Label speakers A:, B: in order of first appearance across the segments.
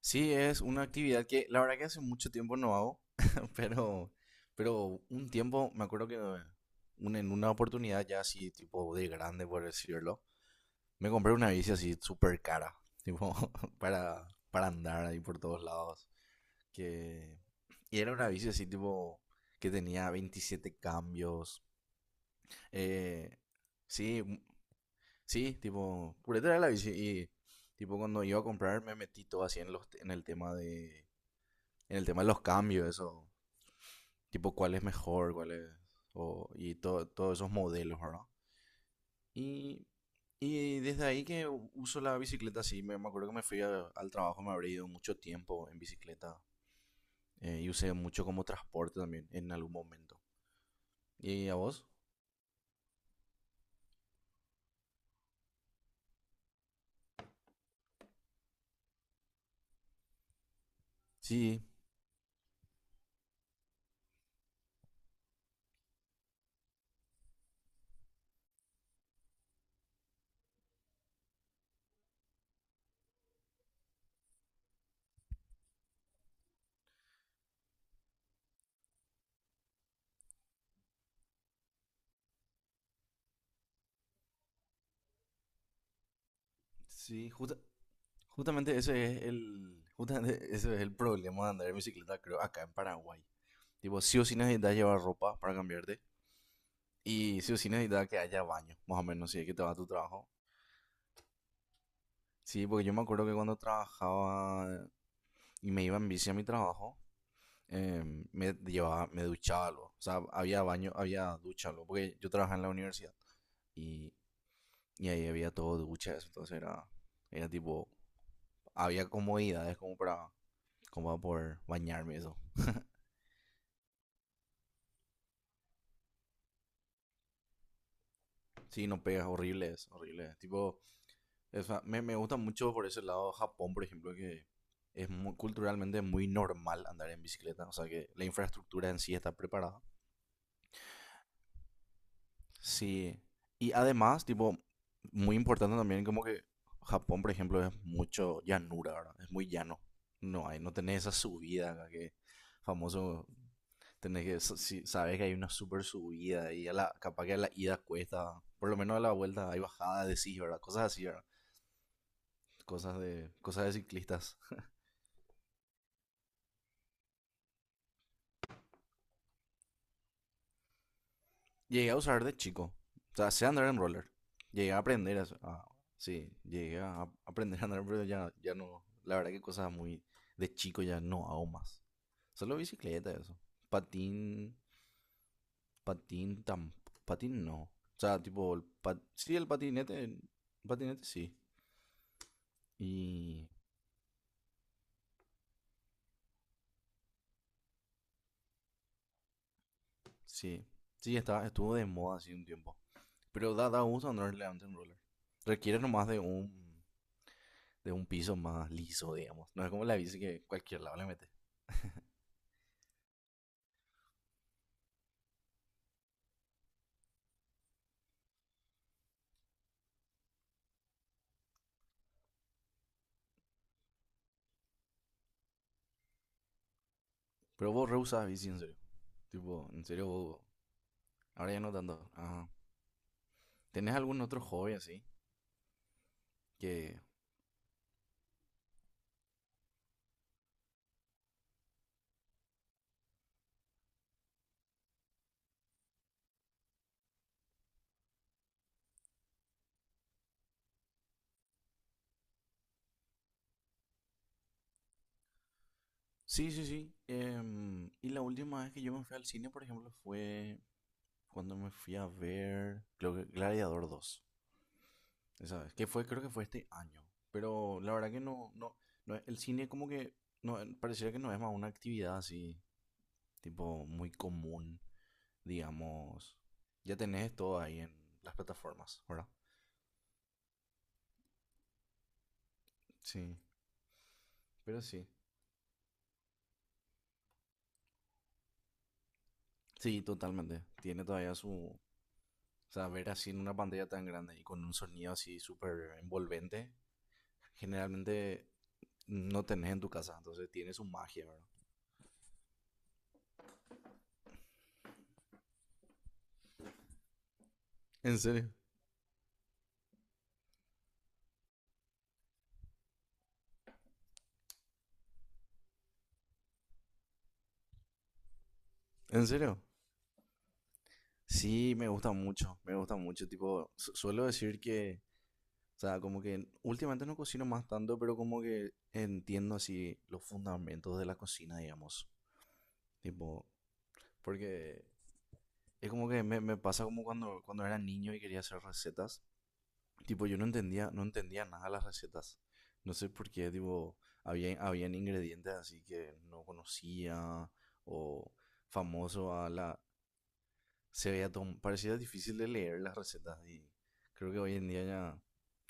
A: Sí, es una actividad que la verdad que hace mucho tiempo no hago, pero, pero un tiempo, me acuerdo que en una oportunidad ya así, tipo de grande, por decirlo, me compré una bici así súper cara, tipo, para andar ahí por todos lados. Que, y era una bici así, tipo, que tenía 27 cambios. eh, sí, sí, tipo, pureta era la bici y, tipo, cuando iba a comprar me metí todo así en el tema de los cambios, eso, tipo cuál es mejor, y todo, todos esos modelos, ¿verdad? Y, y desde ahí que uso la bicicleta, sí, me acuerdo que me fui al trabajo, me habría ido mucho tiempo en bicicleta, y usé mucho como transporte también en algún momento. ¿Y a vos? Sí, sí, justamente ese es el problema de andar en bicicleta, creo, acá en Paraguay. Tipo, sí o sí necesitas llevar ropa para cambiarte. Y sí o sí necesitaba que haya baño, más o menos, si es que te vas a tu trabajo. Sí, porque yo me acuerdo que cuando trabajaba y me iba en bici a mi trabajo, eh, me llevaba, me duchaba algo. O sea, había baño, había ducha algo, porque yo trabajaba en la universidad. Y, y ahí había todo duchas, entonces era tipo, había comodidades como para, como para poder bañarme y eso. Sí, no pegas, horrible, es horrible. Es. Tipo, o sea, me gusta mucho por ese lado Japón, por ejemplo, que es muy, culturalmente muy normal andar en bicicleta. O sea que la infraestructura en sí está preparada. Sí. Y además, tipo, muy importante también como que Japón, por ejemplo, es mucho llanura, ¿verdad? Es muy llano. No tenés esa subida acá que famoso, tenés que, si sabes que hay una super subida y capaz que a la ida cuesta, por lo menos a la vuelta hay bajada de sí, ¿verdad? Cosas así, ¿verdad? Cosas de ciclistas. Llegué a usar de chico. O sea, sé andar en roller. Llegué a aprender sí, llegué a aprender a andar, pero ya, ya no. La verdad que cosas muy de chico ya no hago más. Solo bicicleta, eso. Patín, patín, tam, patín no. O sea, tipo, sí, el patinete, patinete sí. Y sí, sí, estuvo de moda así un tiempo. Pero da gusto andar adelante en roller. Requiere nomás de un piso más liso, digamos. No es como la bici que cualquier lado le mete. Pero vos re usabas bici, en serio. Tipo, en serio vos. Ahora ya no tanto. Ajá. ¿Tenés algún otro hobby así? Que. Sí, sí, sí. Y la última vez que yo me fui al cine, por ejemplo, fue cuando me fui a ver. Creo que Gladiador 2. Esa vez. Que fue, creo que fue este año. Pero la verdad que no, no, no, el cine como que no, pareciera que no es más una actividad así, tipo muy común, digamos. Ya tenés todo ahí en las plataformas, ¿verdad? Sí, pero sí. Sí, totalmente. Tiene todavía su. O sea, ver así en una pantalla tan grande y con un sonido así súper envolvente, generalmente no tenés en tu casa, entonces tiene su magia, ¿verdad? ¿En serio? ¿En serio? Sí, me gusta mucho, me gusta mucho. Tipo, suelo decir que, o sea, como que últimamente no cocino más tanto, pero como que entiendo así los fundamentos de la cocina, digamos. Tipo, porque es como que me pasa como cuando era niño y quería hacer recetas. Tipo, yo no entendía nada las recetas. No sé por qué, tipo, habían ingredientes así que no conocía o famoso a la. Se veía parecía difícil de leer las recetas y creo que hoy en día ya,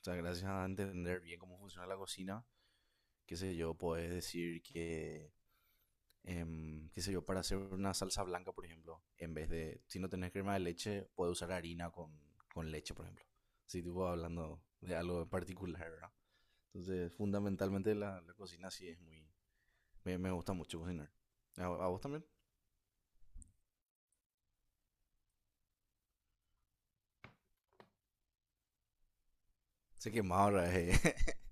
A: o sea, gracias a entender bien cómo funciona la cocina, qué sé yo, puedes decir que qué sé yo, para hacer una salsa blanca, por ejemplo, en vez de, si no tenés crema de leche, puedes usar harina con leche, por ejemplo. Si tú vas hablando de algo en particular, ¿verdad? Entonces, fundamentalmente la cocina sí es muy. Me gusta mucho cocinar. ¿A vos también? Sé que más ahora.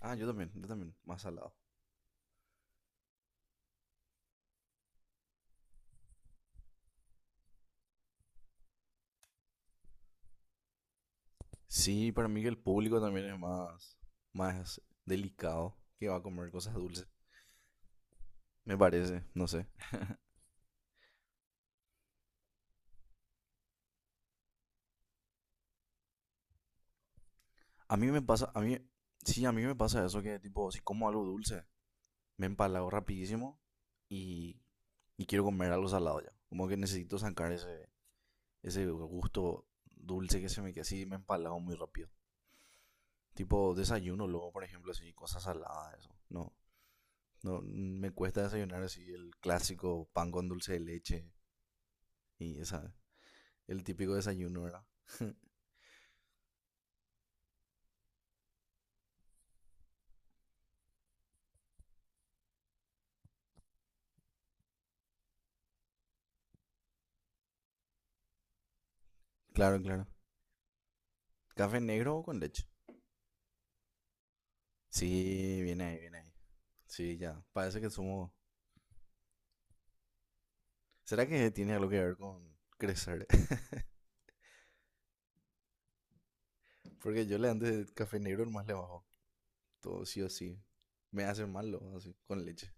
A: Ah, yo también, yo también. Más salado. Sí, para mí que el público también es más delicado que va a comer cosas dulces. Me parece, no sé. A mí me pasa, a mí, sí, a mí me pasa eso que tipo, si como algo dulce, me empalago rapidísimo y, y quiero comer algo salado ya. Como que necesito sacar ese gusto dulce que se me queda así, me empalago muy rápido. Tipo desayuno luego, por ejemplo, así, cosas saladas, eso. No, no, me cuesta desayunar así el clásico pan con dulce de leche y esa, el típico desayuno, ¿verdad? Claro, claro. ¿Café negro o con leche? Sí, viene ahí, viene ahí. Sí, ya. Parece que somos. ¿Será que tiene algo que ver con crecer? Porque yo le antes de café negro más le bajo. Todo sí o sí. Me hace malo, así, con leche.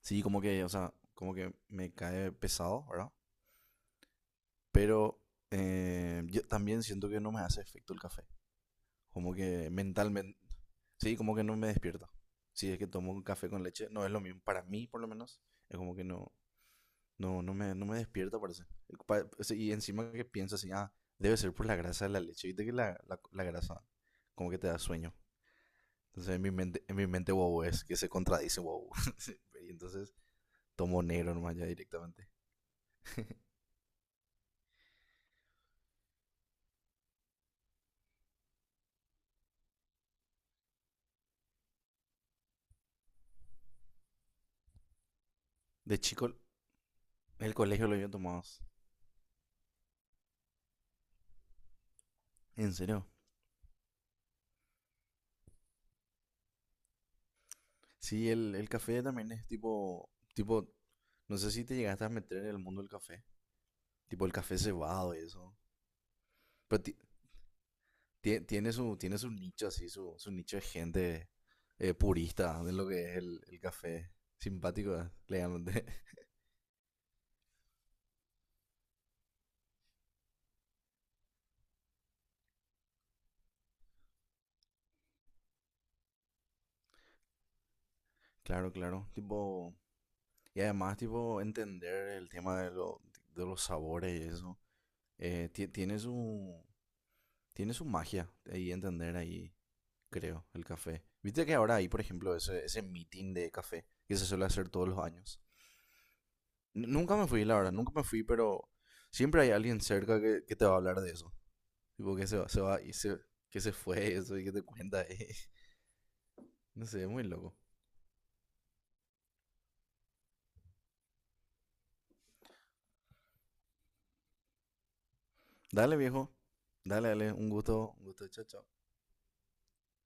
A: Sí, como que, o sea, como que me cae pesado, ¿verdad? Pero yo también siento que no me hace efecto el café. Como que mentalmente. Sí, como que no me despierta. Si es que tomo un café con leche, no es lo mismo. Para mí, por lo menos, es como que no. No, no me despierta, parece. Pa- o Y encima que pienso así, ah, debe ser por la grasa de la leche. Viste que la grasa como que te da sueño. Entonces en mi mente wow es que se contradice wow. Sí, y entonces tomo negro nomás ya directamente. De chico, en el colegio lo había tomado. ¿En serio? Sí, el café también es tipo, no sé si te llegaste a meter en el mundo del café. Tipo el café cebado y eso. Pero tiene su nicho así, su nicho de gente purista de lo que es el café. Simpático, le llaman Claro, claro. Tipo, y además, tipo, entender el tema de los sabores y eso. Tiene su magia ahí entender ahí, creo, el café. Viste que ahora hay, por ejemplo, ese meeting de café que se suele hacer todos los años. Nunca me fui, la verdad, nunca me fui, pero siempre hay alguien cerca que te va a hablar de eso. Tipo, que se va y se, que se fue, eso y que te cuenta. No sé, es muy loco. Dale, viejo. Dale, dale. Un gusto. Un gusto. Chao, chao.